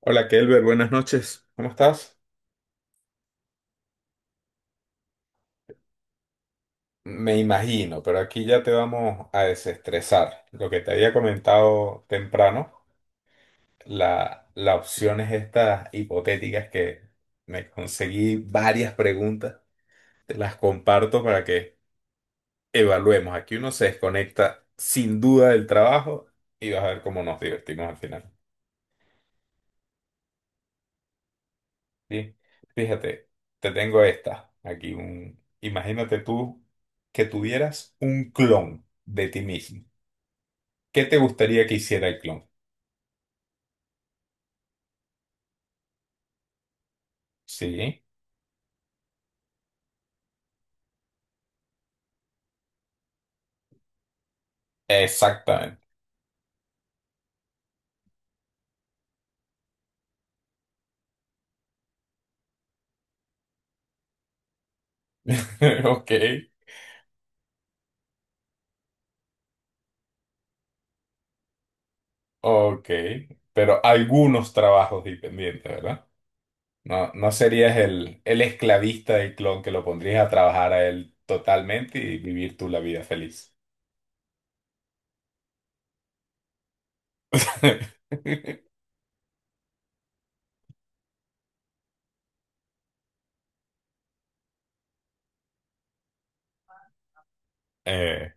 Hola, Kelber, buenas noches. ¿Cómo estás? Me imagino, pero aquí ya te vamos a desestresar. Lo que te había comentado temprano, la opción es estas hipotéticas que me conseguí varias preguntas. Te las comparto para que evaluemos. Aquí uno se desconecta sin duda del trabajo y vas a ver cómo nos divertimos al final. ¿Sí? Fíjate, te tengo esta. Aquí imagínate tú que tuvieras un clon de ti mismo. ¿Qué te gustaría que hiciera el clon? Sí, exactamente. Ok, ok. Pero algunos trabajos dependientes, ¿verdad? No, no serías el esclavista del clon que lo pondrías a trabajar a él totalmente y vivir tú la vida feliz. Eh,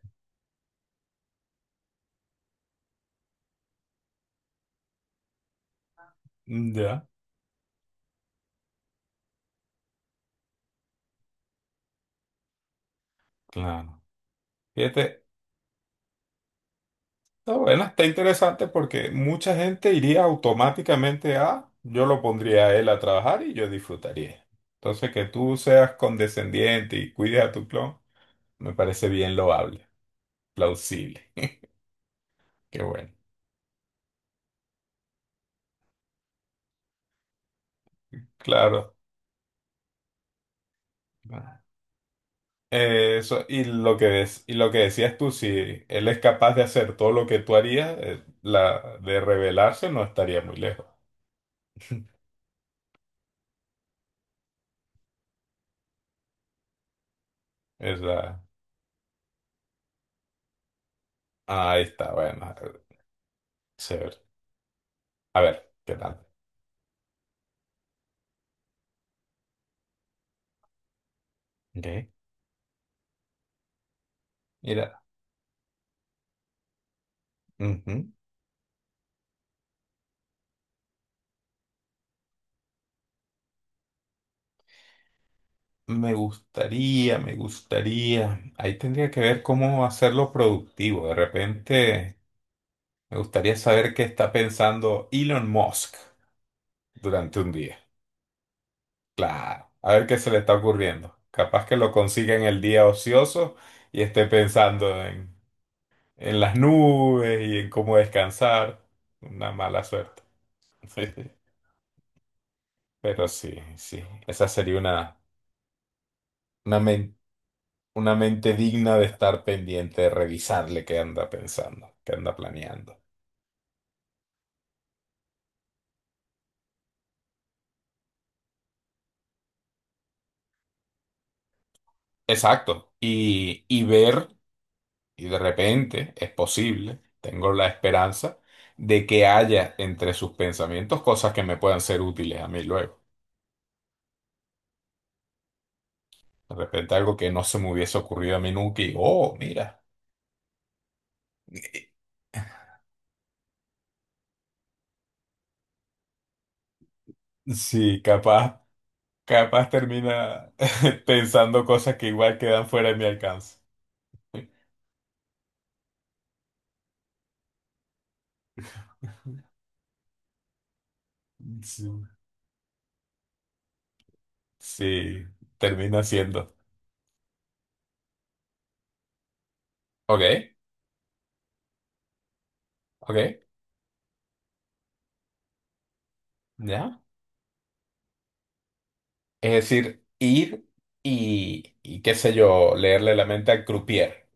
ya, claro. Fíjate, está bueno, está interesante porque mucha gente iría automáticamente a, yo lo pondría a él a trabajar y yo disfrutaría. Entonces, que tú seas condescendiente y cuides a tu clon, me parece bien loable, plausible. Qué bueno. Claro. Eso, y lo que y lo que decías tú, si él es capaz de hacer todo lo que tú harías, la de rebelarse no estaría muy lejos. Es la- ah, ahí está, bueno, chévere. A ver, ¿qué tal? Ok. Mira. Ujú. Me gustaría, me gustaría. Ahí tendría que ver cómo hacerlo productivo. De repente, me gustaría saber qué está pensando Elon Musk durante un día. Claro, a ver qué se le está ocurriendo. Capaz que lo consiga en el día ocioso y esté pensando en las nubes y en cómo descansar. Una mala suerte. Pero sí, sí, esa sería una, una una mente digna de estar pendiente, de revisarle qué anda pensando, qué anda planeando. Exacto. Y ver, y de repente es posible, tengo la esperanza de que haya entre sus pensamientos cosas que me puedan ser útiles a mí luego. De repente algo que no se me hubiese ocurrido a mí nunca y, oh, mira. eh, Sí, capaz, termina pensando cosas que igual quedan fuera de mi alcance. Sí, sí, termina siendo. Ok. Ok, ya. Es decir, ir y qué sé yo, leerle la mente al croupier,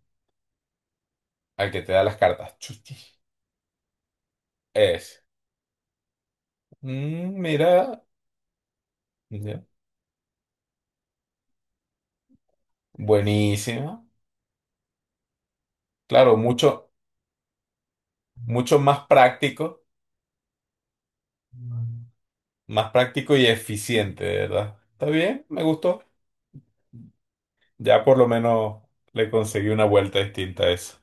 al que te da las cartas. Chuchi. Es. Mm, mira. Ya. Buenísimo. Claro, mucho más práctico, y eficiente, de verdad. Está bien, me gustó. Ya por lo menos le conseguí una vuelta distinta a eso.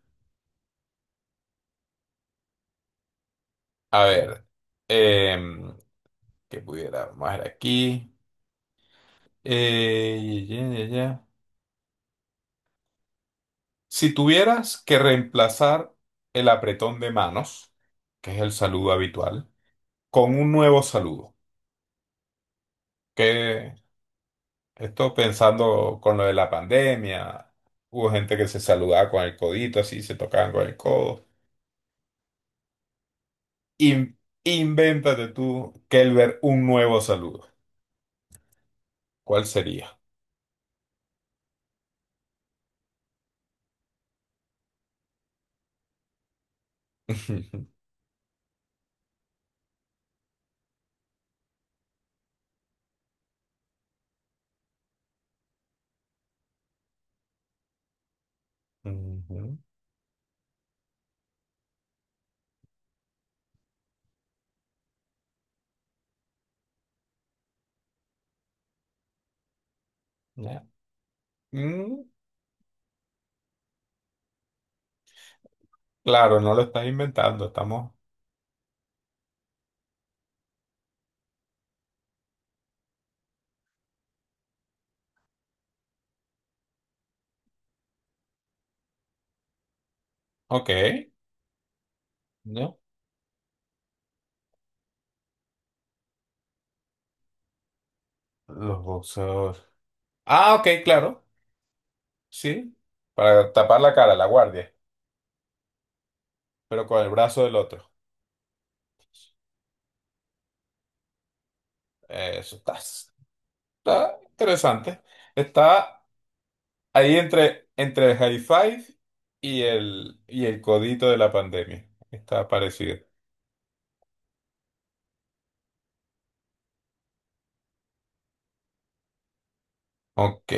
A ver, que pudiera más aquí. Ya, ya, ya. Si tuvieras que reemplazar el apretón de manos, que es el saludo habitual, con un nuevo saludo, que esto pensando con lo de la pandemia, hubo gente que se saludaba con el codito, así se tocaban con el codo. In- Invéntate tú, Kelber, un nuevo saludo. ¿Cuál sería? Ujú, ya. Mm, claro, no lo estás inventando, estamos... Ok, ¿no? Los boxeadores. Ah, ok, claro. Sí, para tapar la cara, la guardia, pero con el brazo del otro. Eso está interesante. Está ahí entre el high five y y el codito de la pandemia. Está parecido. Ok,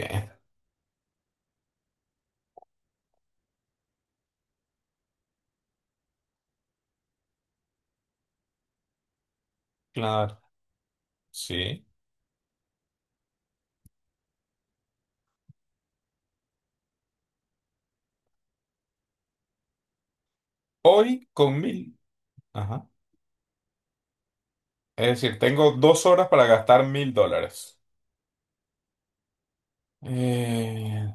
claro, sí. Hoy con 1.000. Ajá. Es decir, tengo 2 horas para gastar $1.000. Eh,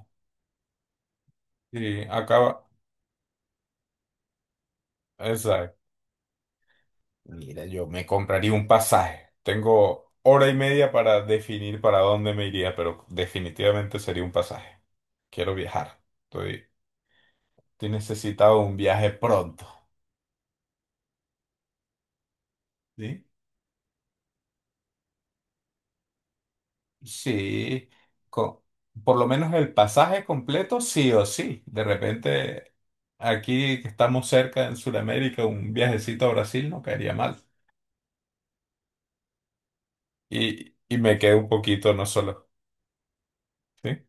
sí, acaba. Exacto. Mira, yo me compraría un pasaje. Tengo hora y media para definir para dónde me iría, pero definitivamente sería un pasaje. Quiero viajar. Estoy necesitado de un viaje pronto. ¿Sí? Sí, co- por lo menos el pasaje completo, sí o sí. De repente, aquí que estamos cerca en Sudamérica, un viajecito a Brasil no caería mal. Y me quedo un poquito, no solo. ¿Sí?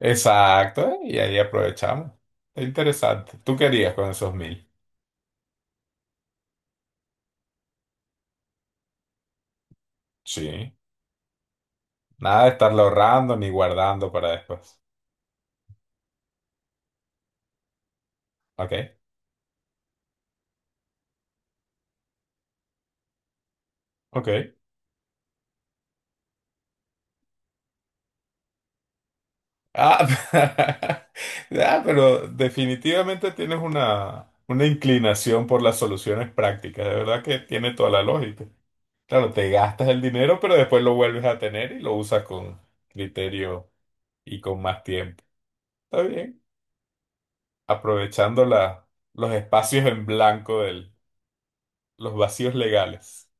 Exacto, ¿eh? Y ahí aprovechamos. Es interesante. ¿Tú querías con esos 1.000? Sí. Nada de estarlo ahorrando ni guardando para después. Ok, ok. Ah, ah, pero definitivamente tienes una, inclinación por las soluciones prácticas. De verdad que tiene toda la lógica. Claro, te gastas el dinero, pero después lo vuelves a tener y lo usas con criterio y con más tiempo. Está bien. Aprovechando los espacios en blanco del. Los vacíos legales.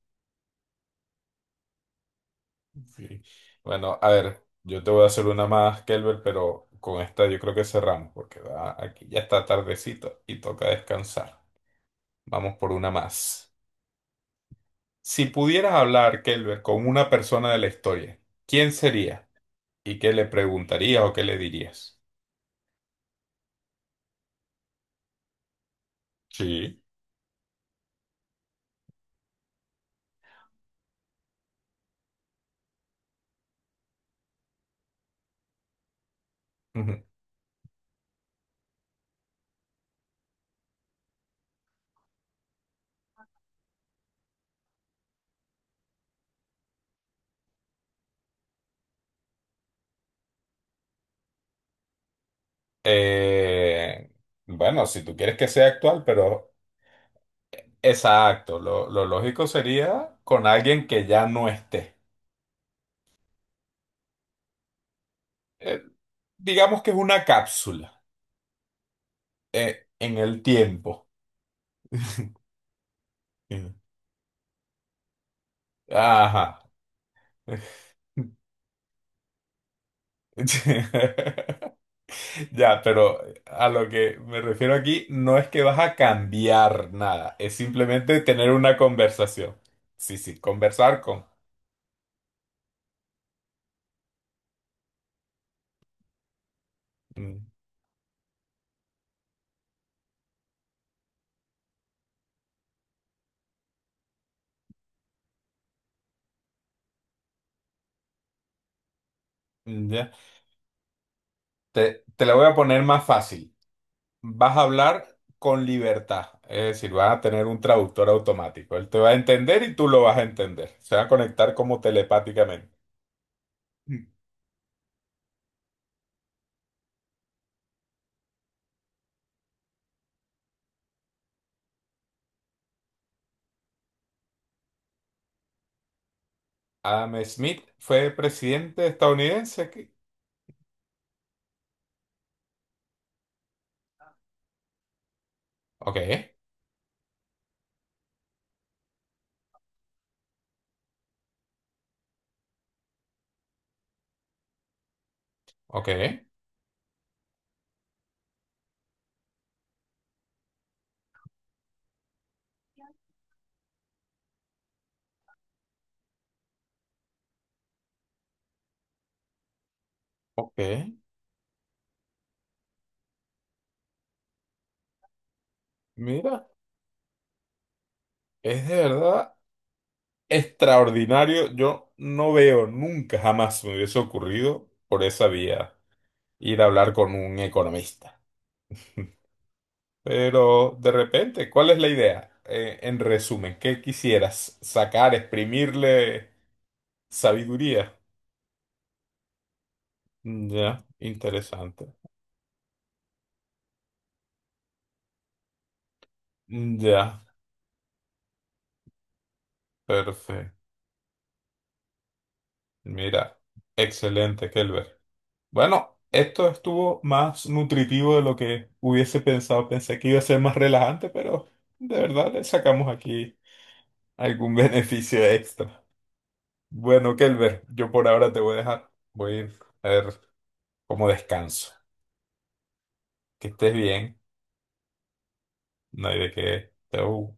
Sí. Bueno, a ver, yo te voy a hacer una más, Kelber, pero con esta yo creo que cerramos, porque aquí ya está tardecito y toca descansar. Vamos por una más. Si pudieras hablar, Kelber, con una persona de la historia, ¿quién sería? ¿Y qué le preguntarías o qué le dirías? Sí. Ujú. Eh, bueno, si tú quieres que sea actual, pero exacto, lo lógico sería con alguien que ya no esté. eh, digamos que es una cápsula en el tiempo. Ajá. Ya, pero a lo que me refiero aquí no es que vas a cambiar nada, es simplemente tener una conversación. Sí, sí, conversar con... Mm. Ya. Te la voy a poner más fácil. Vas a hablar con libertad, es decir, vas a tener un traductor automático. Él te va a entender y tú lo vas a entender. Se va a conectar como telepáticamente. Adam Smith fue presidente estadounidense. Ok, ok, ok. Mira, es de verdad extraordinario. Yo no veo nunca, jamás me hubiese ocurrido por esa vía ir a hablar con un economista. Pero de repente, ¿cuál es la idea? En resumen, ¿qué quisieras sacar, exprimirle sabiduría? Ya, interesante. Ya, perfecto. Mira, excelente, Kelber. Bueno, esto estuvo más nutritivo de lo que hubiese pensado. Pensé que iba a ser más relajante, pero de verdad le sacamos aquí algún beneficio extra. Bueno, Kelber, yo por ahora te voy a dejar. Voy a ir a ver cómo descanso. Que estés bien. No hay de qué. Chau.